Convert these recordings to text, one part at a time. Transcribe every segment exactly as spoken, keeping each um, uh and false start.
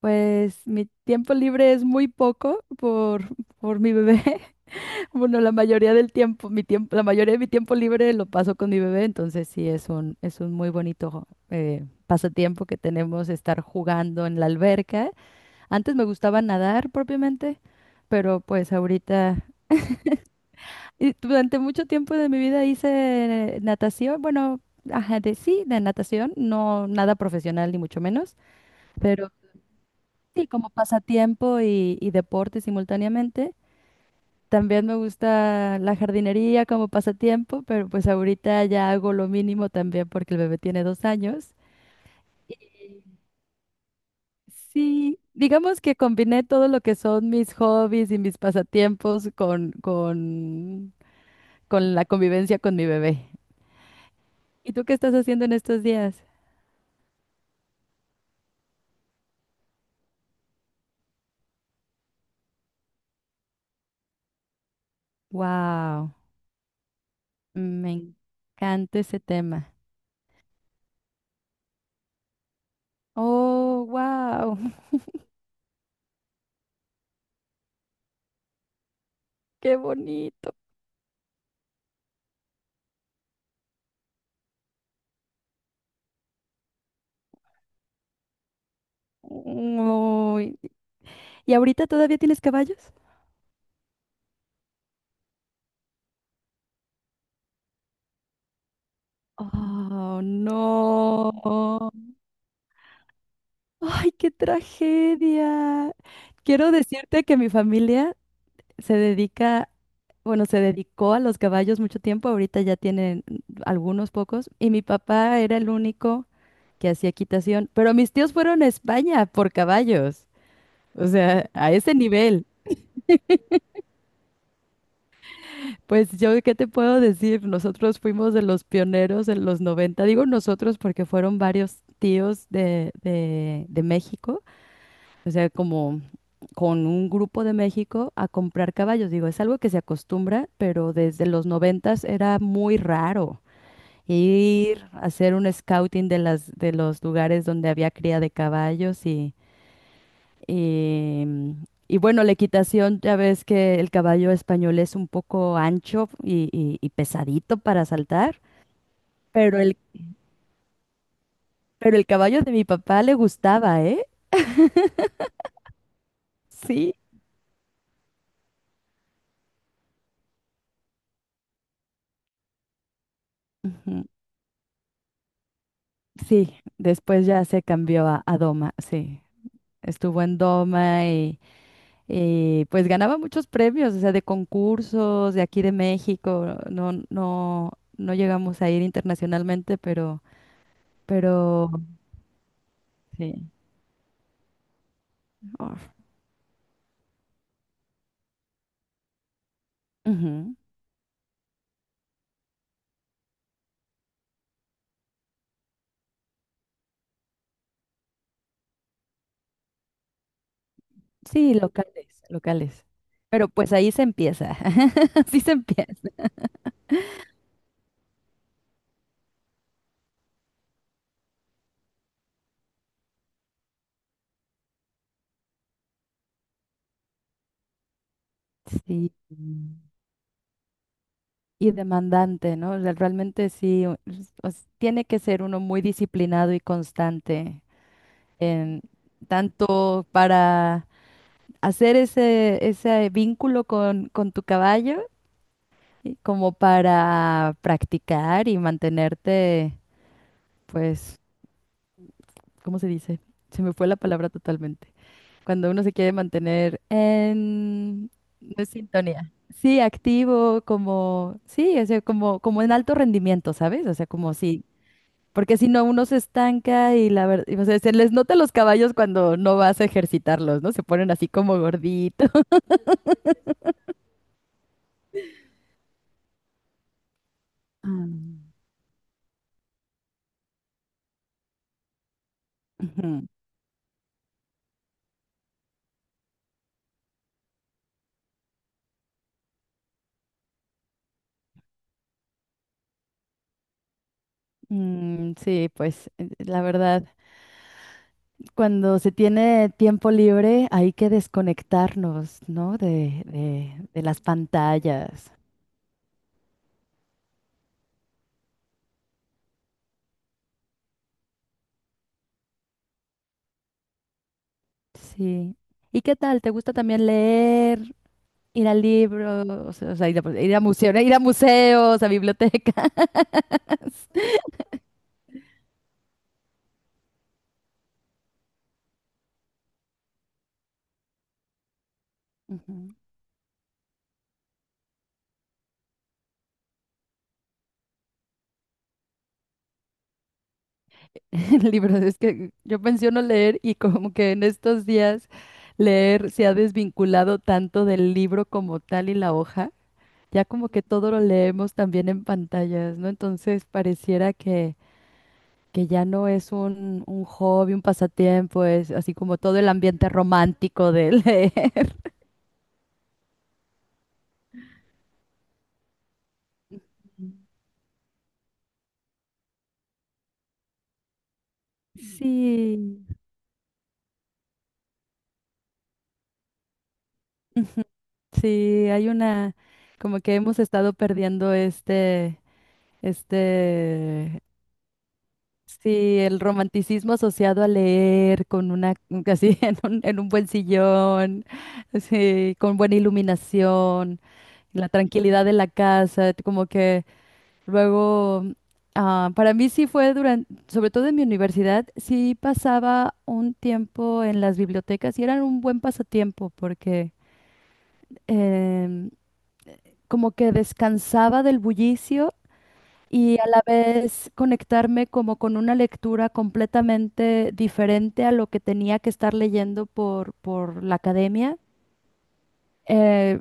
Pues mi tiempo libre es muy poco por, por mi bebé. Bueno, la mayoría del tiempo, mi tiempo, la mayoría de mi tiempo libre lo paso con mi bebé, entonces sí es un, es un muy bonito eh, pasatiempo que tenemos estar jugando en la alberca. Antes me gustaba nadar propiamente, pero pues ahorita, y durante mucho tiempo de mi vida hice natación, bueno, ajá, de sí, de natación, no nada profesional ni mucho menos. Sí, como pasatiempo y, y deporte simultáneamente. También me gusta la jardinería como pasatiempo, pero pues ahorita ya hago lo mínimo también porque el bebé tiene dos años. Sí, digamos que combiné todo lo que son mis hobbies y mis pasatiempos con, con, con la convivencia con mi bebé. ¿Y tú qué estás haciendo en estos días? Wow, me encanta ese tema. Oh, wow, qué bonito. Uy, ¿y ahorita todavía tienes caballos? Oh, no. Ay, qué tragedia. Quiero decirte que mi familia se dedica, bueno, se dedicó a los caballos mucho tiempo, ahorita ya tienen algunos pocos, y mi papá era el único que hacía equitación, pero mis tíos fueron a España por caballos, o sea, a ese nivel. Pues yo, ¿qué te puedo decir? Nosotros fuimos de los pioneros en los noventa. Digo nosotros porque fueron varios tíos de, de, de México, o sea, como con un grupo de México a comprar caballos, digo, es algo que se acostumbra, pero desde los noventas era muy raro ir a hacer un scouting de las, de los lugares donde había cría de caballos y y, y bueno, la equitación, ya ves que el caballo español es un poco ancho y, y- y pesadito para saltar, pero el, pero el caballo de mi papá le gustaba, ¿eh? Sí. Ujú. Sí, después ya se cambió a, a doma, sí. Estuvo en doma y, y, pues ganaba muchos premios, o sea, de concursos de aquí de México. No, no, no llegamos a ir internacionalmente, pero, pero sí. Uf. Sí, locales, locales. Pero pues ahí se empieza, sí se empieza. Sí. Y demandante, ¿no? O sea, realmente sí, o- o s- tiene que ser uno muy disciplinado y constante en tanto para hacer ese, ese vínculo con, con tu caballo, y como para practicar y mantenerte, pues, ¿cómo se dice? Se me fue la palabra totalmente. Cuando uno se quiere mantener en no es sintonía. Sí, activo, como, sí, o sea, como, como en alto rendimiento, ¿sabes? O sea, como si, porque si no, uno se estanca y la verdad, o sea, se les nota a los caballos cuando no vas a ejercitarlos, ¿no? Se ponen así como gorditos. Ah. Ujú. Mm, sí, pues eh, la verdad, cuando se tiene tiempo libre hay que desconectarnos, ¿no? De, de, de las pantallas. Sí. ¿Y qué tal? ¿Te gusta también leer, ir al libro, o sea, o sea, ir a, ir a museo- ir a museos, a biblioteca? Ujú. Libros, es que yo menciono leer y como que en estos días leer se ha desvinculado tanto del libro como tal y la hoja, ya como que todo lo leemos también en pantallas, ¿no? Entonces pareciera que, que ya no es un, un hobby, un pasatiempo, es así como todo el ambiente romántico de leer. Sí. Ujú. Sí, hay una, como que hemos estado perdiendo este, este, sí, el romanticismo asociado a leer con una, casi en un, en un buen sillón, sí, con buena iluminación, la tranquilidad de la casa, como que luego, ah, para mí sí fue durante, sobre todo en mi universidad, sí pasaba un tiempo en las bibliotecas y eran un buen pasatiempo porque... em, como que descansaba del bullicio y a la vez conectarme como con una lectura completamente diferente a lo que tenía que estar leyendo por, por la academia. Eh,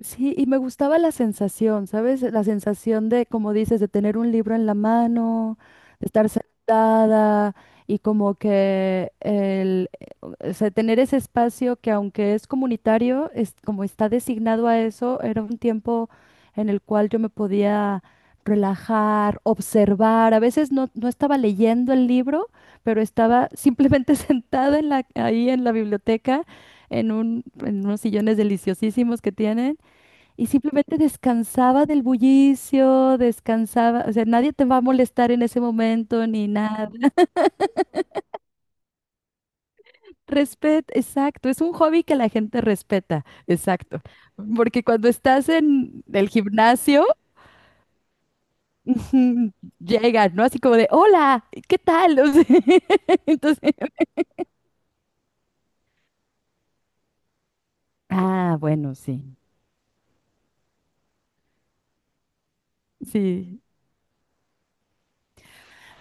Sí, y me gustaba la sensación, ¿sabes? La sensación de, como dices, de tener un libro en la mano, de estar sentada y como que el, o sea, tener ese espacio que aunque es comunitario, es como está designado a eso, era un tiempo en el cual yo me podía relajar, observar. A veces no, no estaba leyendo el libro, pero estaba simplemente sentada en la, ahí en la biblioteca, en un, en unos sillones deliciosísimos que tienen y simplemente descansaba del bullicio, descansaba, o sea, nadie te va a molestar en ese momento ni nada. Respeta, exacto, es un hobby que la gente respeta, exacto. Porque cuando estás en el gimnasio, ujú, llegan, ¿no? Así como de, hola, ¿qué tal? O sea, entonces, ah, bueno, sí, sí.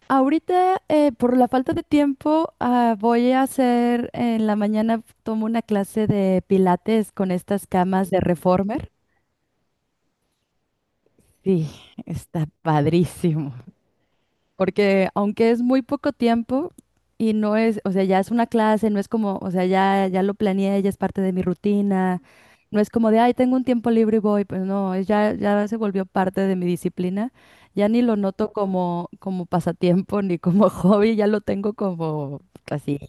Ahorita, eh, por la falta de tiempo, ah, voy a hacer en la mañana, tomo una clase de pilates con estas camas de reformer. Sí, está padrísimo. Porque aunque es muy poco tiempo y no es, o sea, ya es una clase, no es como, o sea, ya, ya lo planeé, ya es parte de mi rutina, no es como de, ay, tengo un tiempo libre y voy, pues no, es ya, ya se volvió parte de mi disciplina, ya ni lo noto como, como pasatiempo ni como hobby, ya lo tengo como pues, así.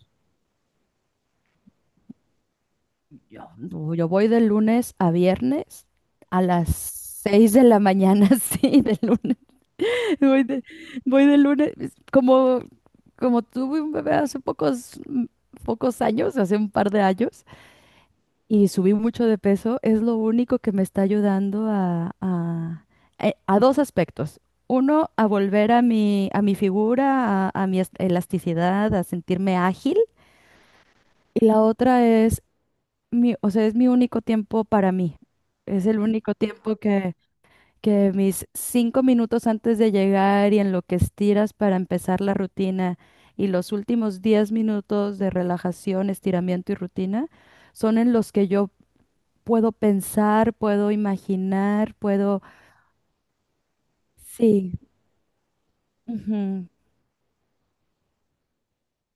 Yo, no, yo voy de lunes a viernes a las seis de la mañana, sí, de lunes. Voy de, voy de lunes, como, como tuve un bebé hace pocos, mm, pocos años, hace un par de años, y subí mucho de peso, es lo único que me está ayudando a, a, eh, a dos aspectos. Uno, a volver a mi, a mi figura, a, a mi es- elasticidad, a sentirme ágil. Y la otra es mi, o sea, es mi único tiempo para mí. Es el único tiempo que que mis cinco minutos antes de llegar y en lo que estiras para empezar la rutina y los últimos diez minutos de relajación, estiramiento y rutina son en los que yo puedo pensar, puedo imaginar, puedo, sí, ujú,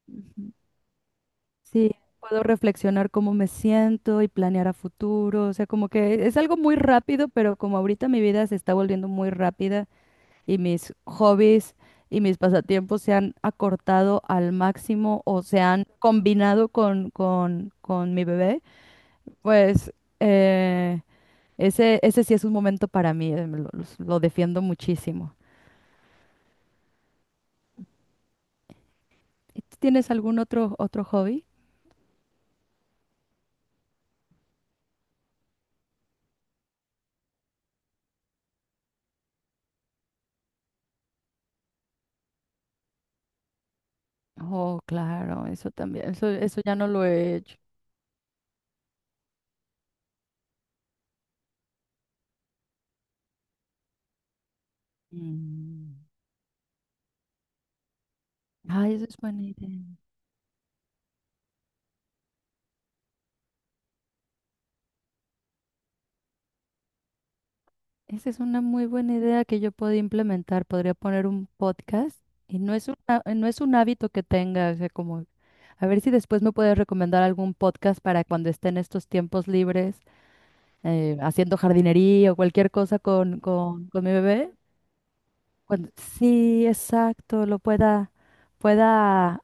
ujú, sí, puedo reflexionar cómo me siento y planear a futuro, o sea, como que es algo muy rápido, pero como ahorita mi vida se está volviendo muy rápida y mis hobbies y mis pasatiempos se han acortado al máximo o se han combinado con, con, con mi bebé, pues eh, ese, ese sí es un momento para mí, eh, lo, los- lo defiendo muchísimo. ¿Y tú tienes algún otro, otro hobby? Oh, claro, eso también, eso, eso ya no lo he hecho. Mm. Ay, eso es buena idea. Esa es una muy buena idea que yo podría implementar. Podría poner un podcast y no es un, ha- no es un hábito que tenga, o sea, como a ver si después me puedes recomendar algún podcast para cuando esté en estos tiempos libres eh, haciendo jardinería o cualquier cosa con, con, con mi bebé. Cuando- sí, exacto, lo pueda, pueda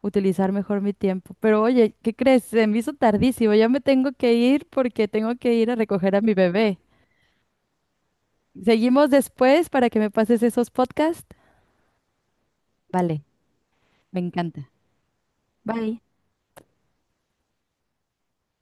utilizar mejor mi tiempo. Pero oye, ¿qué crees? Se me hizo tardísimo, ya me tengo que ir porque tengo que ir a recoger a mi bebé. Seguimos después para que me pases esos podcasts. Vale, me encanta. Bye.